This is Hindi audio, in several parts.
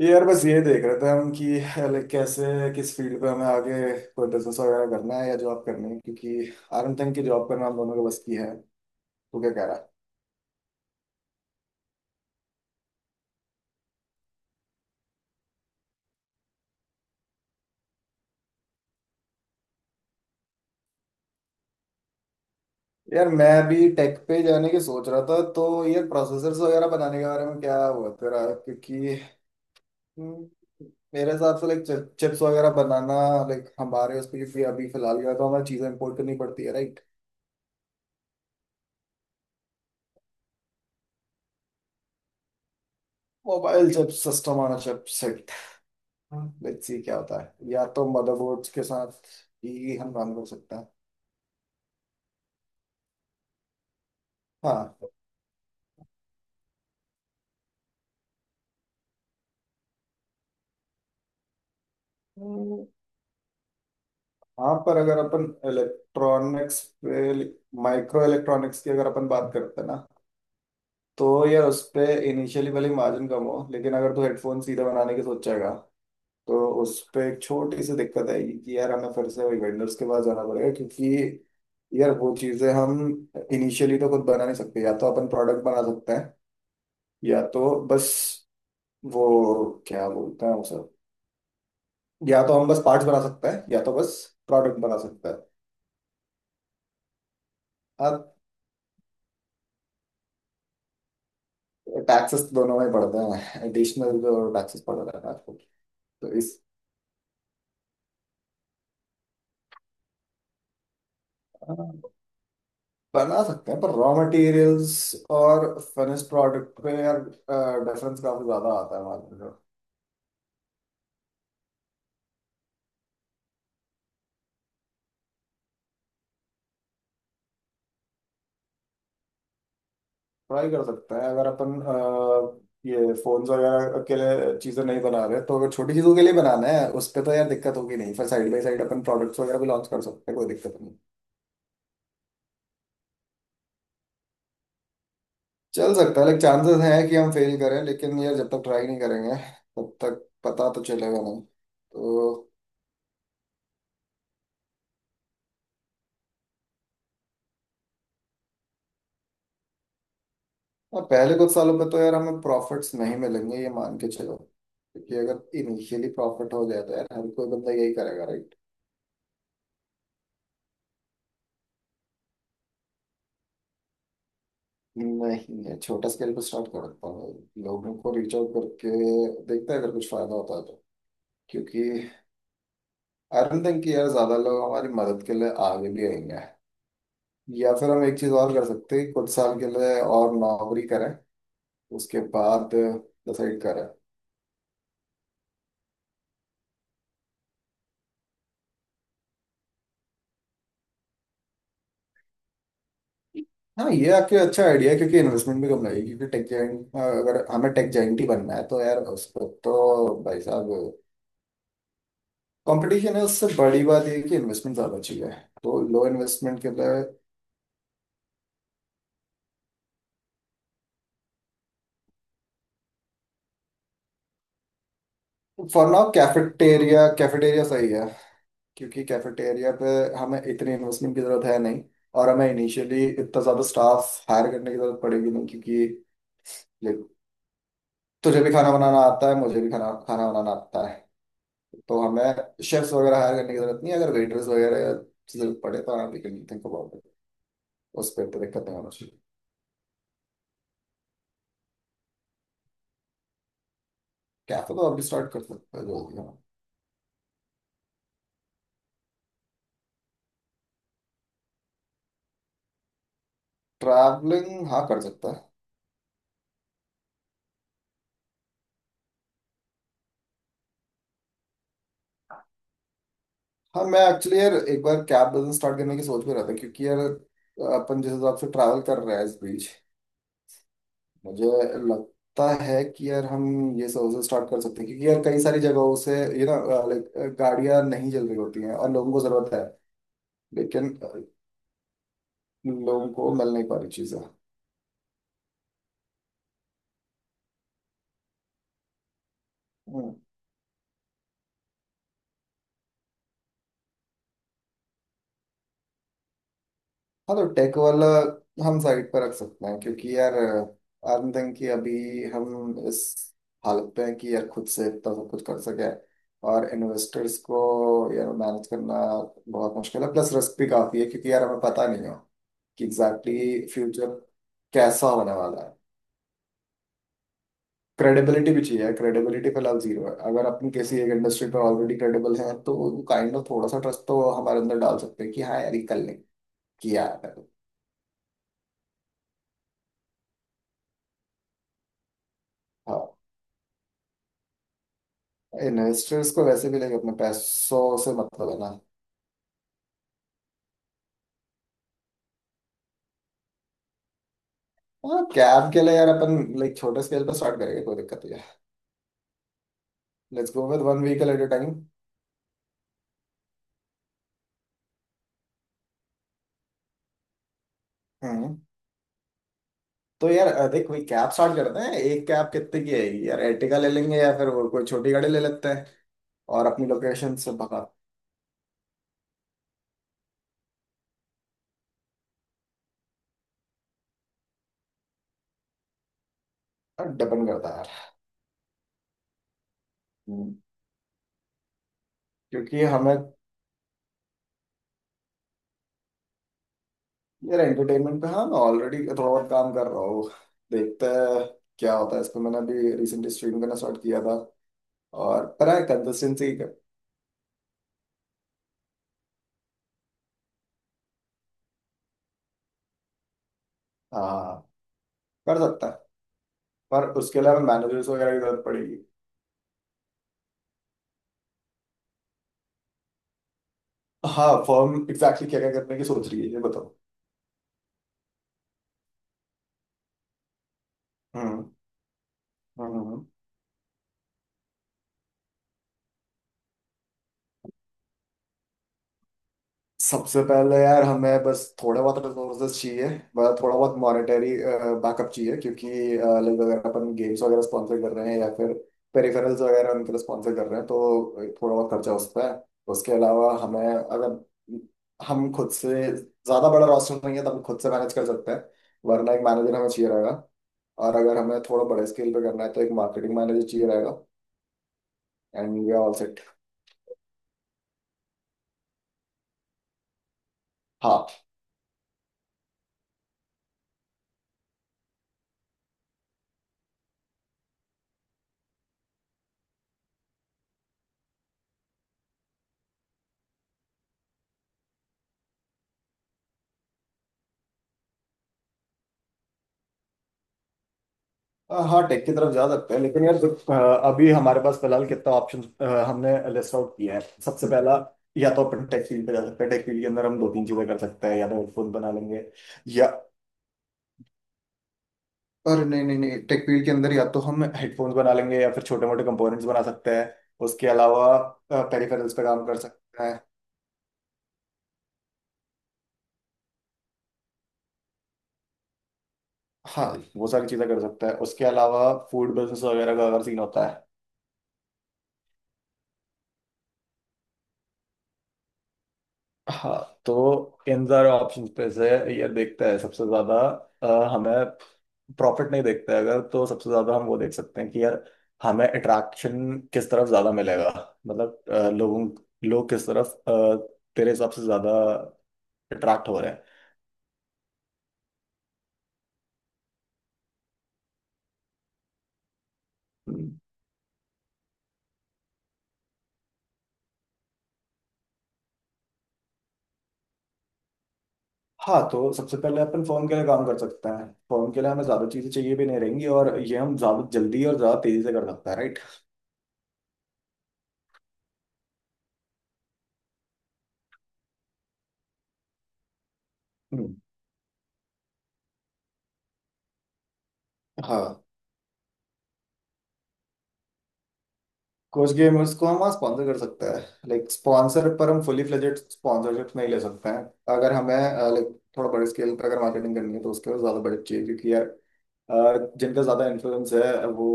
यार बस ये देख रहे थे हम कि कैसे किस फील्ड पे हमें आगे कोई बिजनेस वगैरह करना है या जॉब करनी है क्योंकि आरएम तक की जॉब करना हम दोनों के बस की है। तू क्या कह रहा है? यार मैं भी टेक पे जाने की सोच रहा था। तो यार प्रोसेसर्स वगैरह बनाने के बारे में क्या हुआ तेरा? क्योंकि हम्म, मेरे हिसाब से लाइक चिप्स वगैरह बनाना, लाइक हमारे उस पर, क्योंकि अभी फिलहाल क्या है, तो हमें चीज़ें इम्पोर्ट करनी पड़ती है right. Mobile chips, system on chips. हाँ, लेट्स सी क्या होता है, या तो मदरबोर्ड्स के साथ ही हम काम कर सकते हैं। हाँ। हम्म। हाँ पर अगर अपन इलेक्ट्रॉनिक्स पे, माइक्रो इलेक्ट्रॉनिक्स की अगर अपन बात करते हैं ना, तो यार उस पे इनिशियली भले मार्जिन कम हो, लेकिन अगर तू हेडफोन सीधा बनाने की सोचेगा तो उस पे एक छोटी सी दिक्कत आएगी कि यार हमें फिर से वही वेंडर्स के पास जाना पड़ेगा, क्योंकि यार वो चीजें हम इनिशियली तो खुद बना नहीं सकते। या तो अपन प्रोडक्ट बना सकते हैं, या तो बस वो क्या बोलते हैं उसे, या तो हम बस पार्ट्स बना सकते हैं या तो बस प्रोडक्ट बना सकते हैं। अब टैक्सेस दोनों में पड़ते हैं, एडिशनल जो टैक्सेस पड़ रहा है आजकल। तो इस अ, बना सकते हैं पर रॉ मटेरियल्स और फिनिश प्रोडक्ट में यार डिफरेंस काफी ज्यादा आता है मार्केट में। ट्राई कर सकते हैं, अगर अपन ये फोन्स वगैरह के लिए चीजें नहीं बना रहे तो, अगर छोटी चीजों के लिए बनाना है उस पे, तो यार दिक्कत होगी नहीं। फिर साइड बाई साइड अपन प्रोडक्ट्स वगैरह भी लॉन्च कर सकते हैं, कोई दिक्कत नहीं। चल सकता है, लेकिन चांसेस हैं कि हम फेल करें, लेकिन यार जब तक ट्राई नहीं करेंगे तब तक पता तो चलेगा नहीं तो। हाँ, पहले कुछ सालों पे तो यार हमें प्रॉफिट्स नहीं मिलेंगे, ये मान के चलो, क्योंकि अगर इनिशियली प्रॉफिट हो जाए तो यार हर कोई बंदा यही करेगा राइट। नहीं है, छोटा स्केल पे स्टार्ट करता हूँ, लोगों को रीच आउट करके देखते हैं, अगर कुछ फायदा होता है तो। क्योंकि आई डोंट थिंक कि यार ज्यादा लोग हमारी मदद के लिए आगे भी आएंगे। या फिर हम एक चीज और कर सकते हैं, कुछ साल के लिए और नौकरी करें, उसके बाद डिसाइड करा है। हाँ ये आपके अच्छा आइडिया है क्योंकि इन्वेस्टमेंट भी कम लगेगी, क्योंकि टेक जाइंट, अगर हमें टेक जाइंट ही बनना है तो यार उस पर तो भाई साहब कंपटीशन है, उससे बड़ी बात ये है कि इन्वेस्टमेंट ज़्यादा चाहिए। तो लो इन्वेस्टमेंट के लिए फॉर नाउ कैफेटेरिया, कैफेटेरिया सही है। क्योंकि कैफेटेरिया पे हमें इतनी इन्वेस्टमेंट की ज़रूरत है नहीं, और हमें इनिशियली इतना ज़्यादा स्टाफ हायर करने की ज़रूरत पड़ेगी नहीं, क्योंकि देख, तुझे भी खाना बनाना आता है, मुझे भी खाना खाना बनाना आता है, तो हमें शेफ्स वगैरह हायर करने की जरूरत नहीं है। अगर वेटर्स वगैरह या जरूरत पड़े तो आराम, कैन थिंक अबाउट इट। उस पर तो दिक्कत नहीं होना चाहिए। कैफे तो अभी स्टार्ट कर सकते हैं जल्दी, हाँ। ट्रैवलिंग हाँ कर सकता है। हाँ मैं एक्चुअली यार एक बार कैब बिजनेस स्टार्ट करने की सोच भी रहा था, क्योंकि यार अपन जिस हिसाब से ट्रैवल कर रहे हैं इस बीच, मुझे लगता है कि यार हम ये सर्विस स्टार्ट कर सकते हैं, क्योंकि यार कई सारी जगहों से ये ना, लाइक गाड़ियां नहीं चल रही होती हैं और लोगों को जरूरत है, लेकिन लोगों को मिल नहीं पा रही चीज़ें। हाँ तो टेक वाला हम साइड पर रख सकते हैं, क्योंकि यार आई डोंट थिंक कि अभी हम इस हालत पे हैं कि यार खुद से इतना सब कुछ कर सके। और इन्वेस्टर्स को यार मैनेज करना बहुत मुश्किल है, प्लस रिस्क भी काफी है क्योंकि यार हमें पता नहीं है कि एग्जैक्टली exactly फ्यूचर कैसा होने वाला है। क्रेडिबिलिटी भी चाहिए, क्रेडिबिलिटी फिलहाल जीरो है। अगर अपन किसी एक इंडस्ट्री पर ऑलरेडी क्रेडिबल हैं तो काइंड ऑफ थोड़ा सा ट्रस्ट तो हमारे अंदर डाल सकते हैं कि हाँ यार ये कर लेंगे किया है। हाँ इन्वेस्टर्स को वैसे भी लाइक अपने पैसों से मतलब है ना। हाँ कैब के लिए यार अपन लाइक छोटे स्केल पर स्टार्ट करेंगे, कोई दिक्कत नहीं है। Let's go with one vehicle at a time. Hmm. तो यार देख वही कैब स्टार्ट करते हैं, एक कैब कितने की है? यार एर्टिगा ले लेंगे या फिर वो कोई छोटी गाड़ी ले लेते हैं और अपनी लोकेशन से भगा। डिपेंड करता है यार। हम्म। क्योंकि हमें यार एंटरटेनमेंट पे, हाँ मैं ऑलरेडी थोड़ा बहुत काम कर रहा हूँ। देखते हैं क्या होता है इस पे, मैंने अभी रिसेंटली स्ट्रीम करना स्टार्ट किया था, और पर है कंसिस्टेंसी। हाँ कर सकता है, पर उसके लिए हमें मैनेजर्स वगैरह की जरूरत पड़ेगी। हाँ फर्म एग्जैक्टली क्या क्या करने की सोच रही है, ये बताओ। हम्म हम्म हम्म। सबसे पहले यार हमें बस थोड़ा बहुत रिसोर्सेज चाहिए, मतलब थोड़ा बहुत मॉनेटरी बैकअप चाहिए, क्योंकि लाइक अगर अपन गेम्स वगैरह स्पॉन्सर कर रहे हैं या फिर पेरिफेरल्स वगैरह उनके लिए स्पॉन्सर कर रहे हैं, तो थोड़ा बहुत खर्चा उस पर है। उसके अलावा हमें, अगर हम खुद से, ज़्यादा बड़ा रोस्टर नहीं है तो हम खुद से मैनेज कर सकते हैं, वरना एक मैनेजर हमें चाहिए रहेगा, और अगर हमें थोड़ा बड़े स्केल पे करना है तो एक मार्केटिंग मैनेजर चाहिए रहेगा। And we are all set. हाँ टेक की तरफ जा सकते हैं, लेकिन यार जो, अभी हमारे पास फिलहाल कितना ऑप्शन हमने लिस्ट आउट किए हैं। सबसे पहला, या तो अपन टेक फील्ड पे जा सकते हैं, टेक फील्ड के अंदर हम दो तीन चीजें कर सकते हैं, या तो हेडफोन बना लेंगे या। और नहीं नहीं नहीं टेक फील्ड के अंदर या तो हम हेडफोन्स बना लेंगे या फिर छोटे मोटे कंपोनेंट्स बना सकते हैं। उसके अलावा पेरिफेरल्स पे काम कर सकते हैं। हाँ वो सारी चीजें कर सकते हैं, उसके अलावा फूड बिजनेस वगैरह का अगर सीन होता है। हाँ तो इन सारे ऑप्शन पे से ये देखता है सबसे ज्यादा अ, हमें प्रॉफिट नहीं देखता है अगर, तो सबसे ज्यादा हम वो देख सकते हैं कि यार हमें अट्रैक्शन किस तरफ ज्यादा मिलेगा। मतलब लोग किस तरफ तेरे हिसाब से ज्यादा अट्रैक्ट हो रहे हैं। हम्म। हाँ तो सबसे पहले अपन फोन के लिए काम कर सकते हैं, फोन के लिए हमें ज्यादा चीजें चाहिए भी नहीं रहेंगी, और ये हम ज्यादा जल्दी और ज्यादा तेजी से कर सकते हैं राइट। हाँ कुछ गेमर्स को हम स्पॉन्सर कर सकते हैं, लाइक स्पॉन्सर पर हम फुली फ्लेजेड स्पॉन्सरशिप नहीं ले सकते हैं। अगर हमें लाइक थोड़ा बड़े स्केल पर अगर मार्केटिंग करनी है तो उसके लिए ज़्यादा बजट चाहिए, क्योंकि यार जिनका ज़्यादा इन्फ्लुएंस है वो,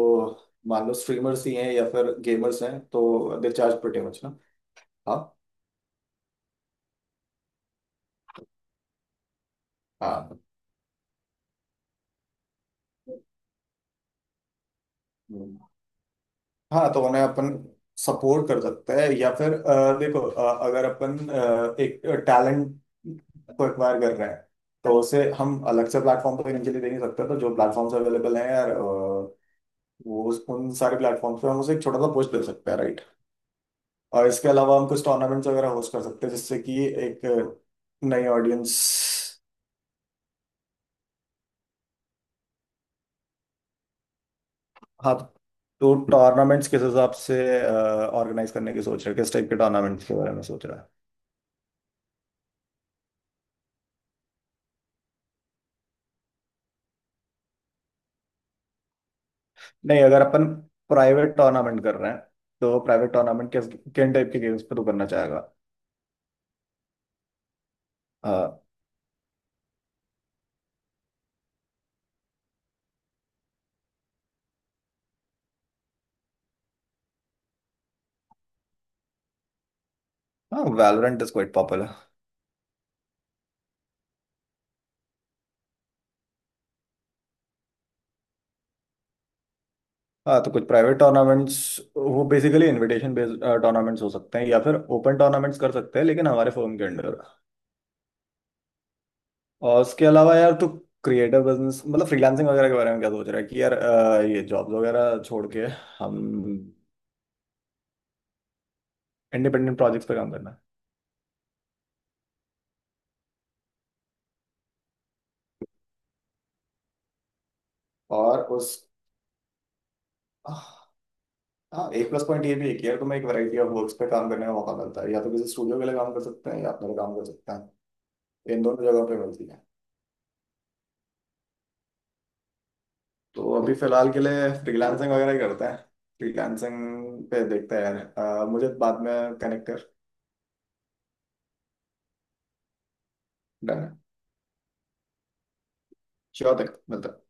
मान लो स्ट्रीमर्स ही हैं या फिर गेमर्स हैं, तो दे चार्ज प्रीटी मच ना। हाँ। हाँ। हम्म। हाँ तो उन्हें अपन सपोर्ट कर सकते हैं, या फिर देखो अगर अपन एक टैलेंट को एक्वायर कर रहे हैं तो उसे हम अलग से प्लेटफॉर्म पर इनिशियली दे नहीं सकते, तो जो प्लेटफॉर्म्स अवेलेबल हैं यार वो उन सारे प्लेटफॉर्म्स पे हम उसे एक छोटा सा पुश दे सकते हैं राइट। और इसके अलावा हम कुछ टूर्नामेंट्स वगैरह होस्ट कर सकते हैं, जिससे कि एक नई ऑडियंस। हाँ तो टूर्नामेंट्स किस हिसाब से ऑर्गेनाइज करने की सोच रहे हो, किस टाइप के टूर्नामेंट्स के बारे में सोच रहे हो? नहीं, अगर अपन प्राइवेट टूर्नामेंट कर रहे हैं तो प्राइवेट टूर्नामेंट किस किन टाइप के गेम्स पे तू करना चाहेगा? हाँ। हाँ वैलोरेंट इज क्वाइट पॉपुलर। हाँ तो कुछ प्राइवेट टूर्नामेंट्स, वो बेसिकली इनविटेशन बेस्ड टूर्नामेंट्स हो सकते हैं, या फिर ओपन टूर्नामेंट्स कर सकते हैं लेकिन हमारे फर्म के अंडर। और उसके अलावा यार तू क्रिएटिव बिजनेस मतलब फ्रीलांसिंग वगैरह के बारे में क्या सोच रहा है? कि यार ये जॉब्स वगैरह छोड़ के हम इंडिपेंडेंट प्रोजेक्ट्स पे काम करना है। और उस, हाँ एक प्लस पॉइंट ये भी है कि यार तुम्हें एक वैरायटी ऑफ वर्क्स पे काम करने का मौका मिलता है, या तो किसी स्टूडियो के लिए काम कर सकते हैं या अपने लिए काम कर सकते हैं, इन दोनों जगहों पे मिलती है। तो अभी फिलहाल के लिए फ्रीलांसिंग वगैरह ही करते हैं, फ्रीलांसिंग पे देखते हैं यार। मुझे बाद में कनेक्ट कर। डन है। श्योर तक मिलते हैं।